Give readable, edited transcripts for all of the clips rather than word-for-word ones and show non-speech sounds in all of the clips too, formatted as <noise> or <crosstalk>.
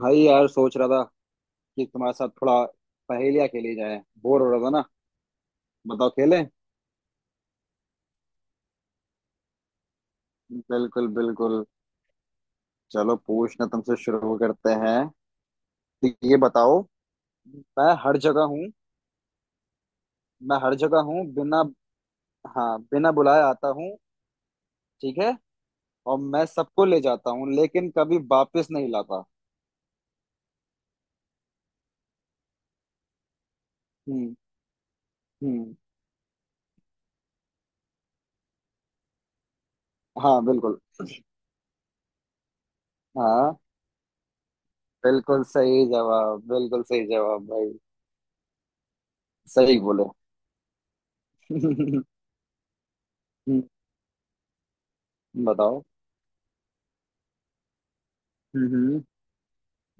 भाई यार सोच रहा था कि तुम्हारे साथ थोड़ा पहेलियाँ खेली जाए। बोर हो रहा था ना। बताओ, खेलें? बिल्कुल बिल्कुल। चलो, पूछना तुमसे शुरू करते हैं। तो ये बताओ, मैं हर जगह हूँ। मैं हर जगह हूँ, बिना, हाँ, बिना बुलाए आता हूँ। ठीक है। और मैं सबको ले जाता हूँ, लेकिन कभी वापस नहीं लाता। हम्म हम्म। हाँ बिल्कुल। हाँ। बिल्कुल सही जवाब, बिल्कुल सही जवाब भाई। सही बोले। <laughs> बताओ। हम्म हम्म,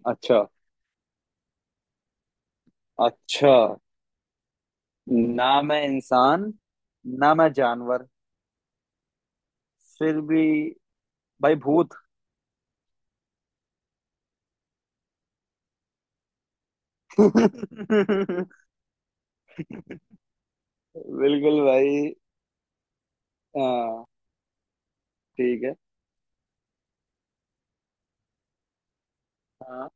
अच्छा। अच्छा। ना मैं इंसान, ना मैं जानवर, फिर भी। भाई भूत। <laughs> बिल्कुल। भाई हाँ, ठीक है। हाँ।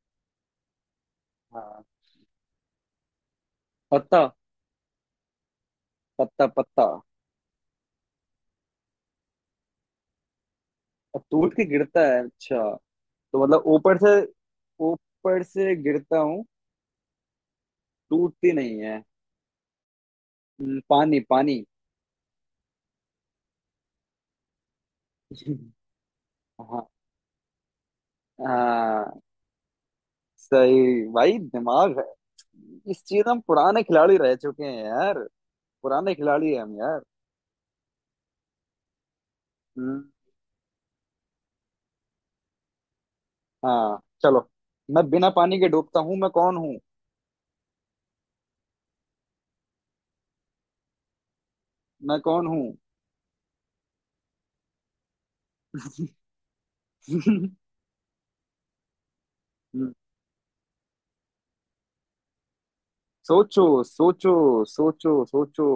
हाँ। पत्ता। पत्ता पत्ता। अब टूट के गिरता है, अच्छा। तो मतलब ऊपर से, ऊपर से गिरता हूँ। टूटती नहीं है। पानी, पानी। <laughs> हाँ। हाँ। सही। भाई दिमाग है, इस चीज हम पुराने खिलाड़ी रह चुके हैं यार। पुराने खिलाड़ी हैं हम यार। हम्म। हाँ चलो। मैं बिना पानी के डूबता हूँ, मैं कौन हूँ? मैं कौन हूँ? <laughs> हम्म, सोचो सोचो। सोचो सोचो।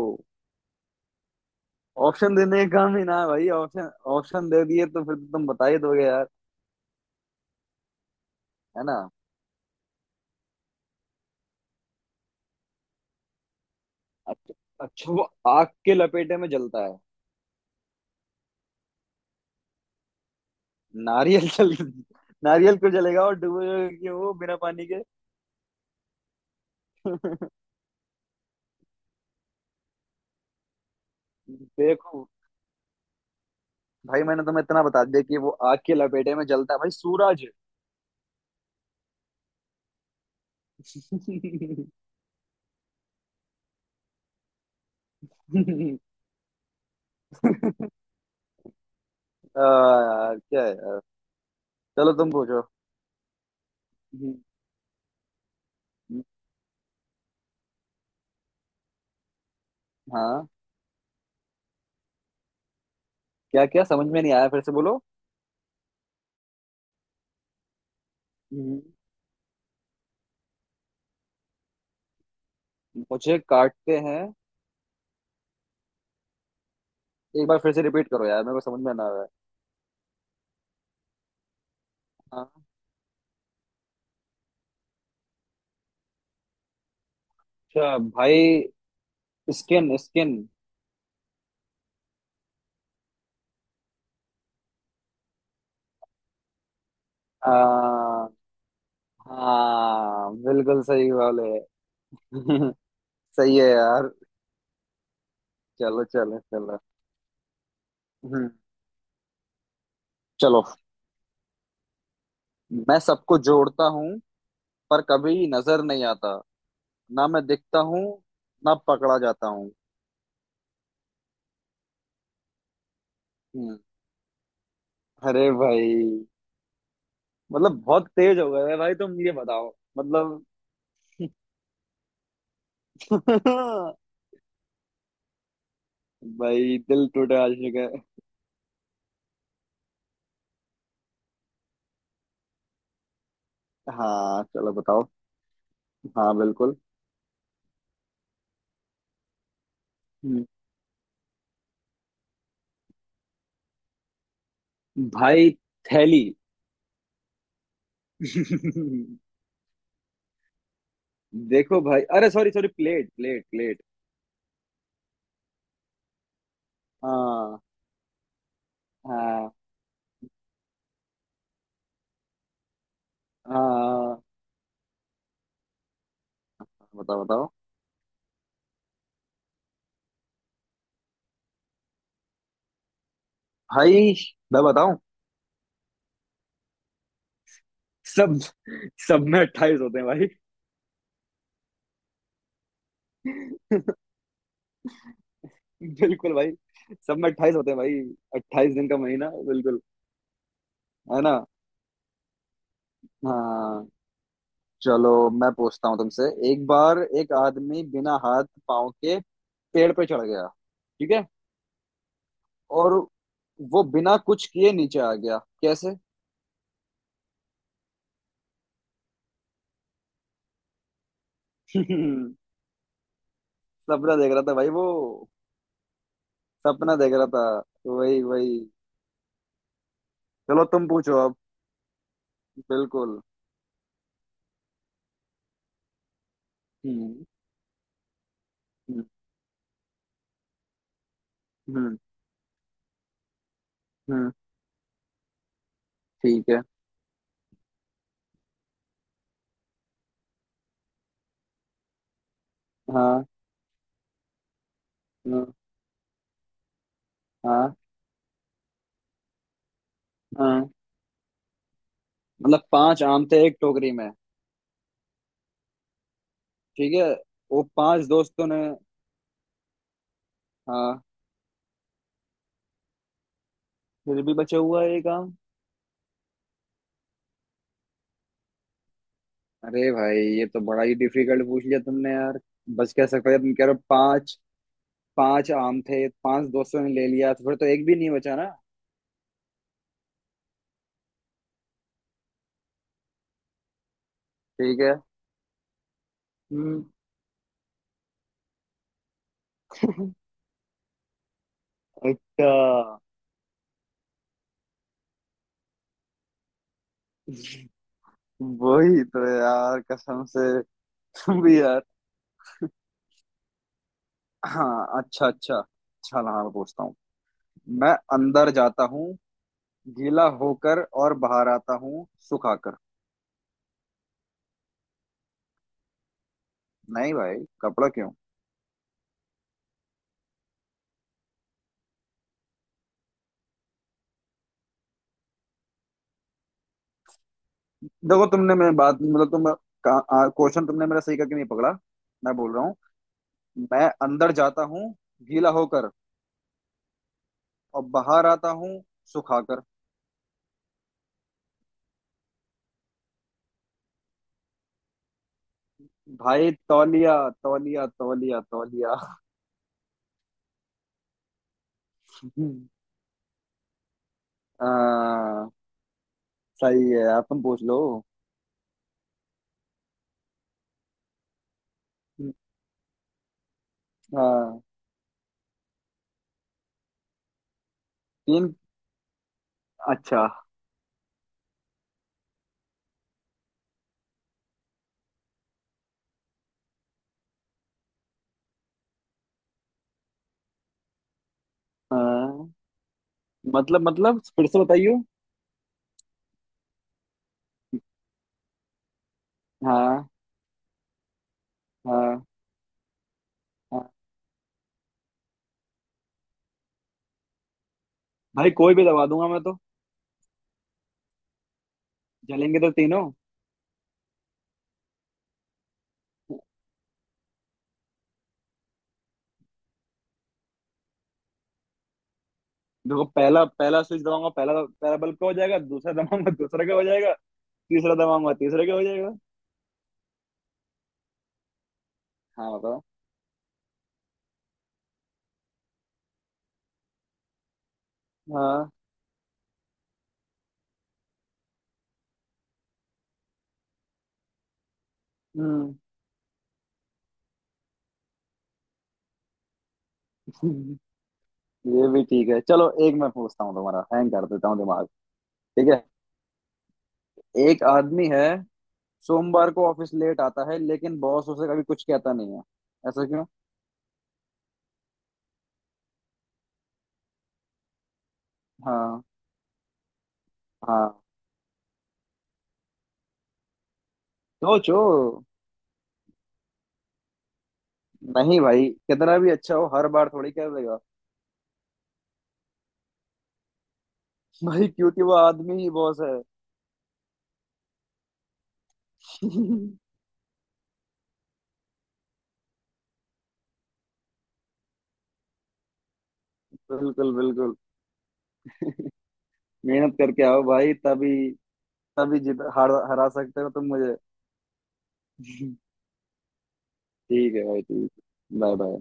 ऑप्शन देने का काम ही ना है भाई ऑप्शन। ऑप्शन दे दिए तो फिर तो तुम बता ही दोगे यार। है ना? अच्छा। अच्छा, वो आग के लपेटे में जलता है। नारियल? <laughs> जल, नारियल क्यों जलेगा? और डूबेगा क्यों वो बिना पानी के? <laughs> देखो भाई, मैंने तुम्हें इतना बता दिया कि वो आग के लपेटे में जलता है भाई। सूरज। <laughs> आ, यार क्या। चलो तुम पूछो। हम्म, हाँ। क्या क्या समझ में नहीं आया, फिर से बोलो। हम्म। मुझे काटते हैं? एक बार फिर से रिपीट करो यार, मेरे को समझ में ना आया। हाँ। अच्छा भाई, स्किन। स्किन? आ, हाँ बिल्कुल सही वाले। <laughs> सही है यार। चलो चलो चलो। हम्म, चलो। मैं सबको जोड़ता हूँ, पर कभी नजर नहीं आता। ना मैं दिखता हूँ, ना पकड़ा जाता हूँ। हम्म, अरे भाई, मतलब बहुत तेज हो गए है भाई तुम। ये बताओ मतलब। <laughs> भाई दिल टूटे आशिक है। हाँ चलो बताओ। हाँ बिल्कुल। हम्म, भाई, थैली। <laughs> देखो भाई, अरे sorry sorry, plate plate plate. हाँ। हाँ। हाँ बताओ बताओ। भाई, मैं बताऊं? सब। सब में अट्ठाईस होते हैं भाई। <laughs> बिल्कुल भाई, सब में अट्ठाईस होते हैं भाई। अट्ठाईस दिन का महीना बिल्कुल। है ना? हाँ चलो। मैं पूछता हूँ तुमसे। एक बार एक आदमी बिना हाथ पाँव के पेड़ पे चढ़ गया, ठीक है? और वो बिना कुछ किए नीचे आ गया, कैसे? <laughs> सपना देख रहा था भाई वो। सपना देख रहा था। वही वही। चलो तुम पूछो अब। बिल्कुल। हम्म। हम्म हम्म हम्म, ठीक है। हाँ। हाँ। हाँ। हाँ। मतलब पांच आम थे एक टोकरी में, ठीक है। वो पांच दोस्तों ने। हाँ। फिर भी बचा हुआ है एक आम? अरे भाई, ये तो बड़ा ही डिफिकल्ट पूछ लिया तुमने यार। बच कैसे सकता है, तुम कह रहे हो पांच, पांच आम थे, पांच दोस्तों ने ले लिया, तो फिर तो एक भी नहीं बचा ना। ठीक है। हम्म। अच्छा। वही तो यार कसम से। तुम भी यार। हाँ अच्छा अच्छा अच्छा, हाँ मैं पूछता हूँ। मैं अंदर जाता हूँ गीला होकर और बाहर आता हूँ सुखाकर। नहीं भाई, कपड़ा क्यों? देखो तुमने मेरी बात, मतलब तुम क्वेश्चन तुमने मेरा सही करके नहीं पकड़ा। मैं बोल रहा हूँ, मैं अंदर जाता हूँ गीला होकर और बाहर आता हूँ सुखाकर। भाई तौलिया, तौलिया तौलिया तौलिया। हाँ सही है। आप तुम पूछ लो। हाँ। तीन? अच्छा। हाँ। मतलब, मतलब फिर से बताइयो। हाँ। हाँ। हाँ। भाई कोई भी दबा दूंगा मैं तो। जलेंगे तो तीनों। देखो पहला, पहला स्विच दबाऊंगा, पहला, पहला बल्ब का हो जाएगा। दूसरा दबाऊंगा, दूसरे का हो जाएगा। तीसरा दबाऊंगा, तीसरे का हो जाएगा। हाँ बताओ। हाँ। हम्म। <laughs> ये भी ठीक है, चलो एक मैं पूछता हूँ, तुम्हारा हैंग कर देता हूँ दिमाग। ठीक है। एक आदमी है, सोमवार को ऑफिस लेट आता है, लेकिन बॉस उसे कभी कुछ कहता नहीं है। ऐसा क्यों? हाँ। हाँ। सोचो। नहीं भाई, कितना भी अच्छा हो हर बार थोड़ी कह देगा। भाई क्योंकि वो आदमी ही बॉस है। <laughs> बिल्कुल बिल्कुल। मेहनत करके आओ भाई, तभी, तभी जीत, हरा, हरा सकते हो तुम मुझे। <laughs> ठीक है भाई ठीक। Bye bye.